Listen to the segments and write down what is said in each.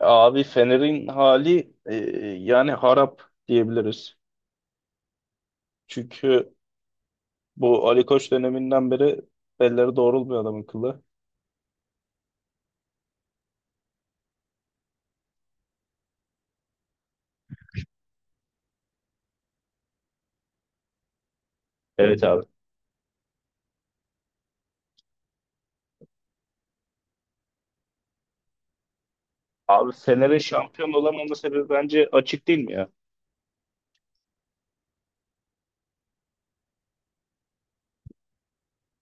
Abi Fener'in hali yani harap diyebiliriz. Çünkü bu Ali Koç döneminden beri belleri doğrulmuyor adamın kılı. Evet abi. Abi Fener'in şampiyon olamama sebebi bence açık değil mi ya?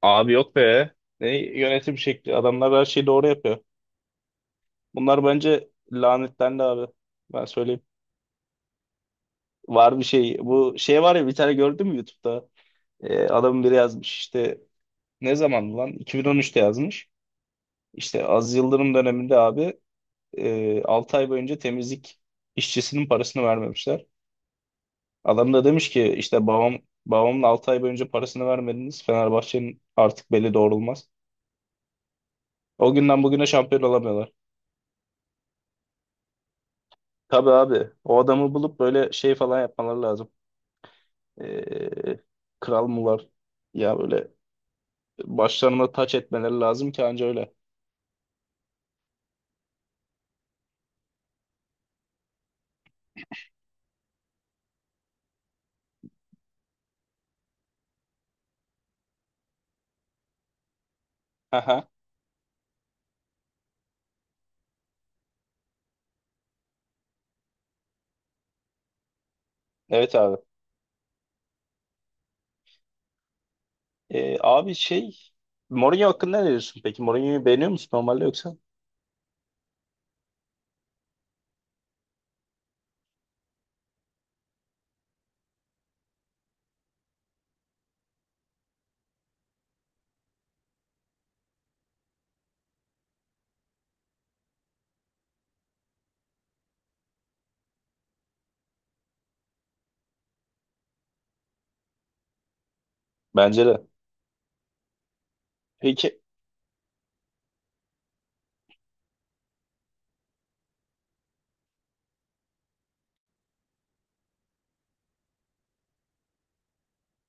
Abi yok be. Ne yönetim şekli. Adamlar her şeyi doğru yapıyor. Bunlar bence lanetlendi abi. Ben söyleyeyim. Var bir şey. Bu şey var ya bir tane gördün mü YouTube'da? Adamın biri yazmış işte. Ne zaman lan? 2013'te yazmış. İşte Aziz Yıldırım döneminde abi 6 ay boyunca temizlik işçisinin parasını vermemişler. Adam da demiş ki işte babamın 6 ay boyunca parasını vermediniz. Fenerbahçe'nin artık beli doğrulmaz. O günden bugüne şampiyon olamıyorlar. Tabii abi o adamı bulup böyle şey falan yapmaları lazım. Ee, Kral mı var? Ya böyle başlarına taç etmeleri lazım ki anca öyle. Aha, evet abi. Abi şey Mourinho hakkında ne diyorsun peki? Mourinho'yu beğeniyor musun normalde yoksa? Bence de. Peki.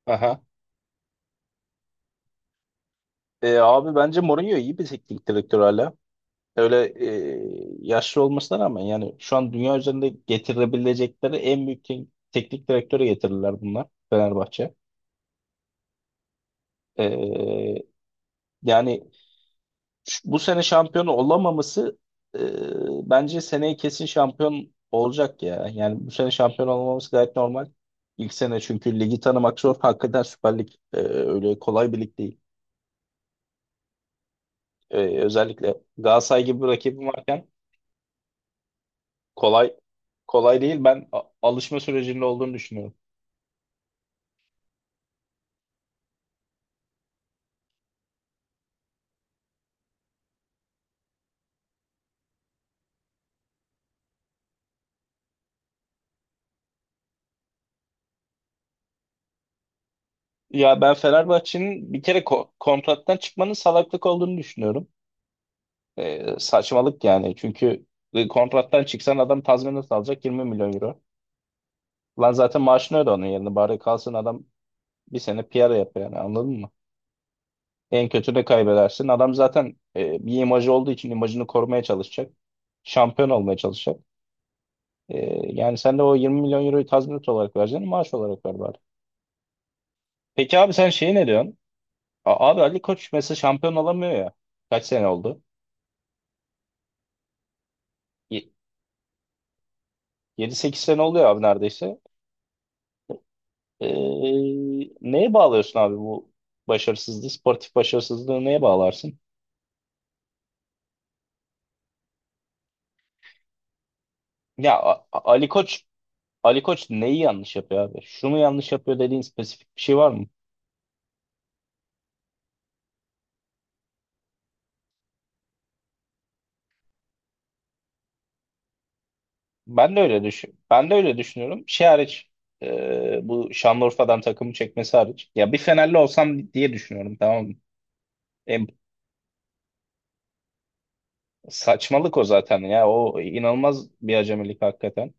Aha. Abi bence Mourinho iyi bir teknik direktör hala. Öyle yaşlı olmasına rağmen yani şu an dünya üzerinde getirebilecekleri en büyük teknik direktörü getirirler bunlar Fenerbahçe. E, Yani bu sene şampiyon olamaması, e, bence seneye kesin şampiyon olacak ya. Yani bu sene şampiyon olmaması gayet normal. İlk sene çünkü ligi tanımak zor. Hakikaten Süper Lig öyle kolay bir lig değil. Özellikle Galatasaray gibi bir rakibim varken kolay kolay değil. Ben alışma sürecinde olduğunu düşünüyorum. Ya ben Fenerbahçe'nin bir kere kontrattan çıkmanın salaklık olduğunu düşünüyorum. Saçmalık yani. Çünkü kontrattan çıksan adam tazminat alacak 20 milyon euro. Lan zaten maaşını öde onun yerine. Bari kalsın adam bir sene PR yapıyor yani anladın mı? En kötü de kaybedersin. Adam zaten bir imajı olduğu için imajını korumaya çalışacak. Şampiyon olmaya çalışacak. Yani sen de o 20 milyon euroyu tazminat olarak vereceksin, maaş olarak ver bari. Peki abi sen şey ne diyorsun? Abi Ali Koç mesela şampiyon olamıyor ya. Kaç sene oldu? 7 8 sene oluyor abi neredeyse. Ee, Neye bağlıyorsun abi bu başarısızlığı, sportif başarısızlığı neye bağlarsın? Ya A- A- Ali Koç Ali Koç neyi yanlış yapıyor abi? Şunu yanlış yapıyor dediğin spesifik bir şey var mı? Ben de öyle düşün. Ben de öyle düşünüyorum. Şey hariç, bu Şanlıurfa'dan takımı çekmesi hariç. Ya bir Fenerli olsam diye düşünüyorum, tamam mı? E, Saçmalık o zaten ya. O inanılmaz bir acemilik hakikaten.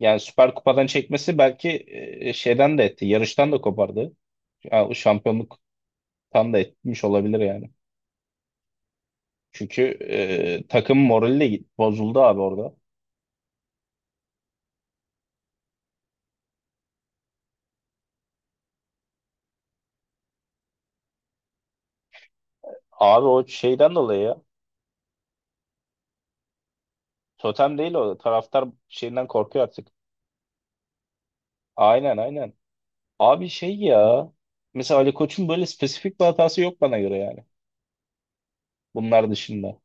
Yani Süper Kupa'dan çekmesi belki, şeyden de etti. Yarıştan da kopardı. Ya, o şampiyonluktan da etmiş olabilir yani. Çünkü takım morali de bozuldu abi orada. Abi o şeyden dolayı ya. Totem değil o. Taraftar şeyinden korkuyor artık. Aynen, aynen. Abi şey ya. Mesela Ali Koç'un böyle spesifik bir hatası yok bana göre yani. Bunlar dışında.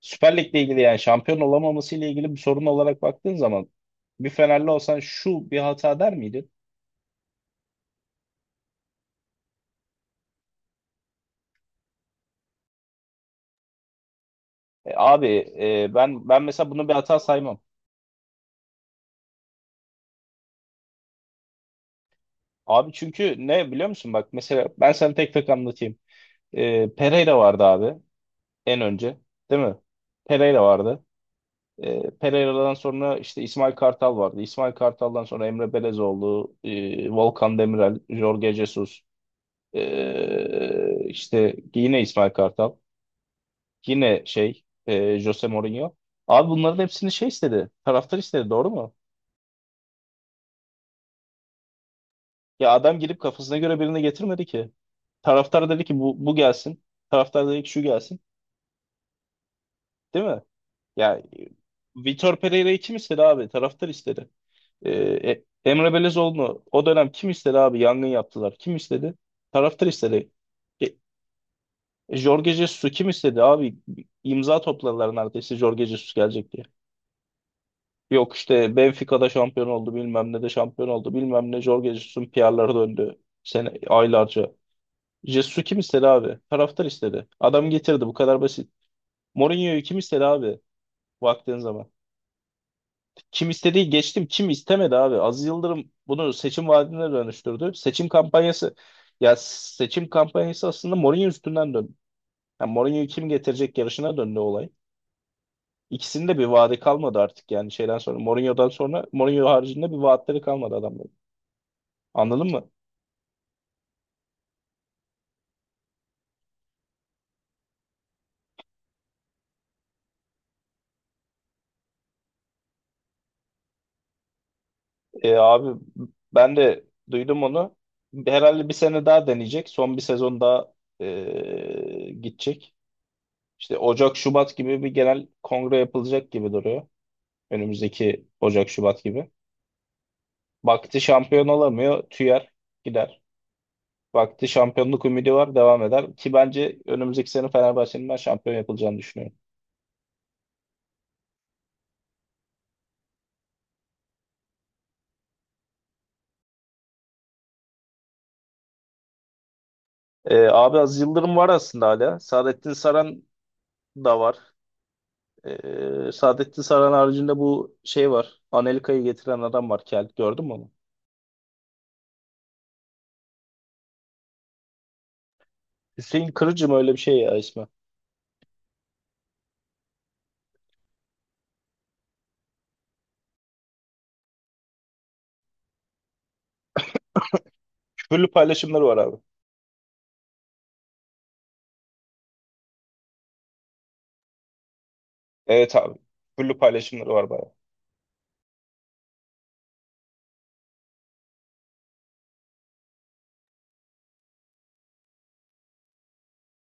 Süper Lig'le ilgili yani şampiyon olamaması ile ilgili bir sorun olarak baktığın zaman, bir Fenerli olsan şu bir hata der miydin? Abi ben mesela bunu bir hata saymam. Abi çünkü ne biliyor musun, bak mesela ben sana tek tek anlatayım. Pereira vardı abi en önce, değil mi? Pereira vardı. Pereira'dan sonra işte İsmail Kartal vardı. İsmail Kartal'dan sonra Emre Belezoğlu, Volkan Demirel, Jorge Jesus, işte yine İsmail Kartal, yine şey, Jose Mourinho. Abi bunların hepsini şey istedi, taraftar istedi, doğru mu? Ya adam girip kafasına göre birini getirmedi ki. Taraftar dedi ki bu gelsin. Taraftar dedi ki şu gelsin. Değil mi? Ya Vitor Pereira'yı kim istedi abi? Taraftar istedi. Ee, Emre Belezoğlu'nu o dönem kim istedi abi? Yangın yaptılar. Kim istedi? Taraftar istedi. E, Jorge Jesus'u kim istedi abi? İmza topladılar neredeyse Jorge Jesus gelecek diye. Yok işte Benfica'da şampiyon oldu bilmem ne de şampiyon oldu bilmem ne, Jorge Jesus'un PR'ları döndü. Sene, aylarca. Jesus'u kim istedi abi? Taraftar istedi. Adam getirdi, bu kadar basit. Mourinho'yu kim istedi abi? Baktığın zaman. Kim istediği geçtim, kim istemedi abi. Aziz Yıldırım bunu seçim vaadine dönüştürdü. Seçim kampanyası, ya seçim kampanyası aslında Mourinho üstünden döndü. Yani Mourinho'yu kim getirecek yarışına döndü olay. İkisinde bir vaadi kalmadı artık yani şeyden sonra. Mourinho'dan sonra Mourinho haricinde bir vaatleri kalmadı adamların. Anladın mı? Abi ben de duydum onu. Herhalde bir sene daha deneyecek. Son bir sezon daha gidecek. İşte Ocak Şubat gibi bir genel kongre yapılacak gibi duruyor. Önümüzdeki Ocak Şubat gibi. Vakti şampiyon olamıyor, tüyer gider. Vakti şampiyonluk ümidi var, devam eder. Ki bence önümüzdeki sene Fenerbahçe'nin ben şampiyon yapılacağını düşünüyorum. Abi az Yıldırım var aslında hala. Saadettin Saran da var. Saadettin Saran haricinde bu şey var. Anelka'yı getiren adam var. Kel. Gördün mü onu? Hüseyin Kırıcı mı öyle bir şey ya ismi? Küfürlü paylaşımları var abi. Evet abi. Küfürlü paylaşımları var bayağı.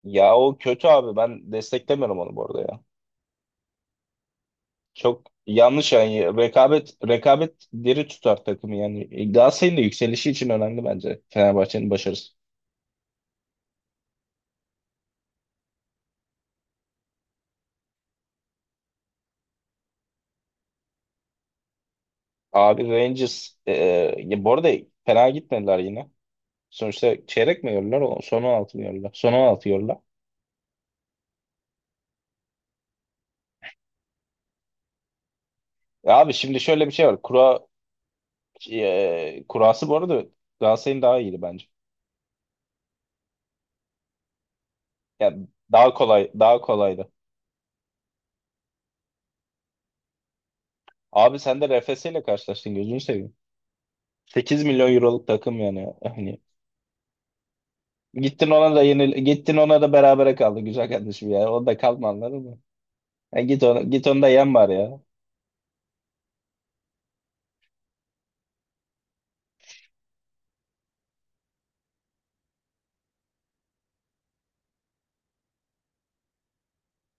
Ya o kötü abi. Ben desteklemiyorum onu bu arada ya. Çok yanlış yani. Rekabet rekabet diri tutar takımı yani. Galatasaray'ın da yükselişi için önemli bence. Fenerbahçe'nin başarısı. Abi Rangers ya bu arada fena gitmediler yine. Sonuçta çeyrek mi yiyorlar? Son 16 mı yiyorlar? Son 16. Ya abi şimdi şöyle bir şey var. Kura, kurası bu arada Galatasaray'ın daha iyiydi bence. Yani daha kolay, daha kolaydı. Abi sen de RFS ile karşılaştın, gözünü seveyim. 8 milyon euroluk takım yani. Hani gittin ona da yenil, gittin ona da berabere kaldı güzel kardeşim ya. O da kalma, anladın mı? Yani git ona, git onu da yen bari ya.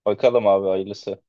Bakalım abi hayırlısı.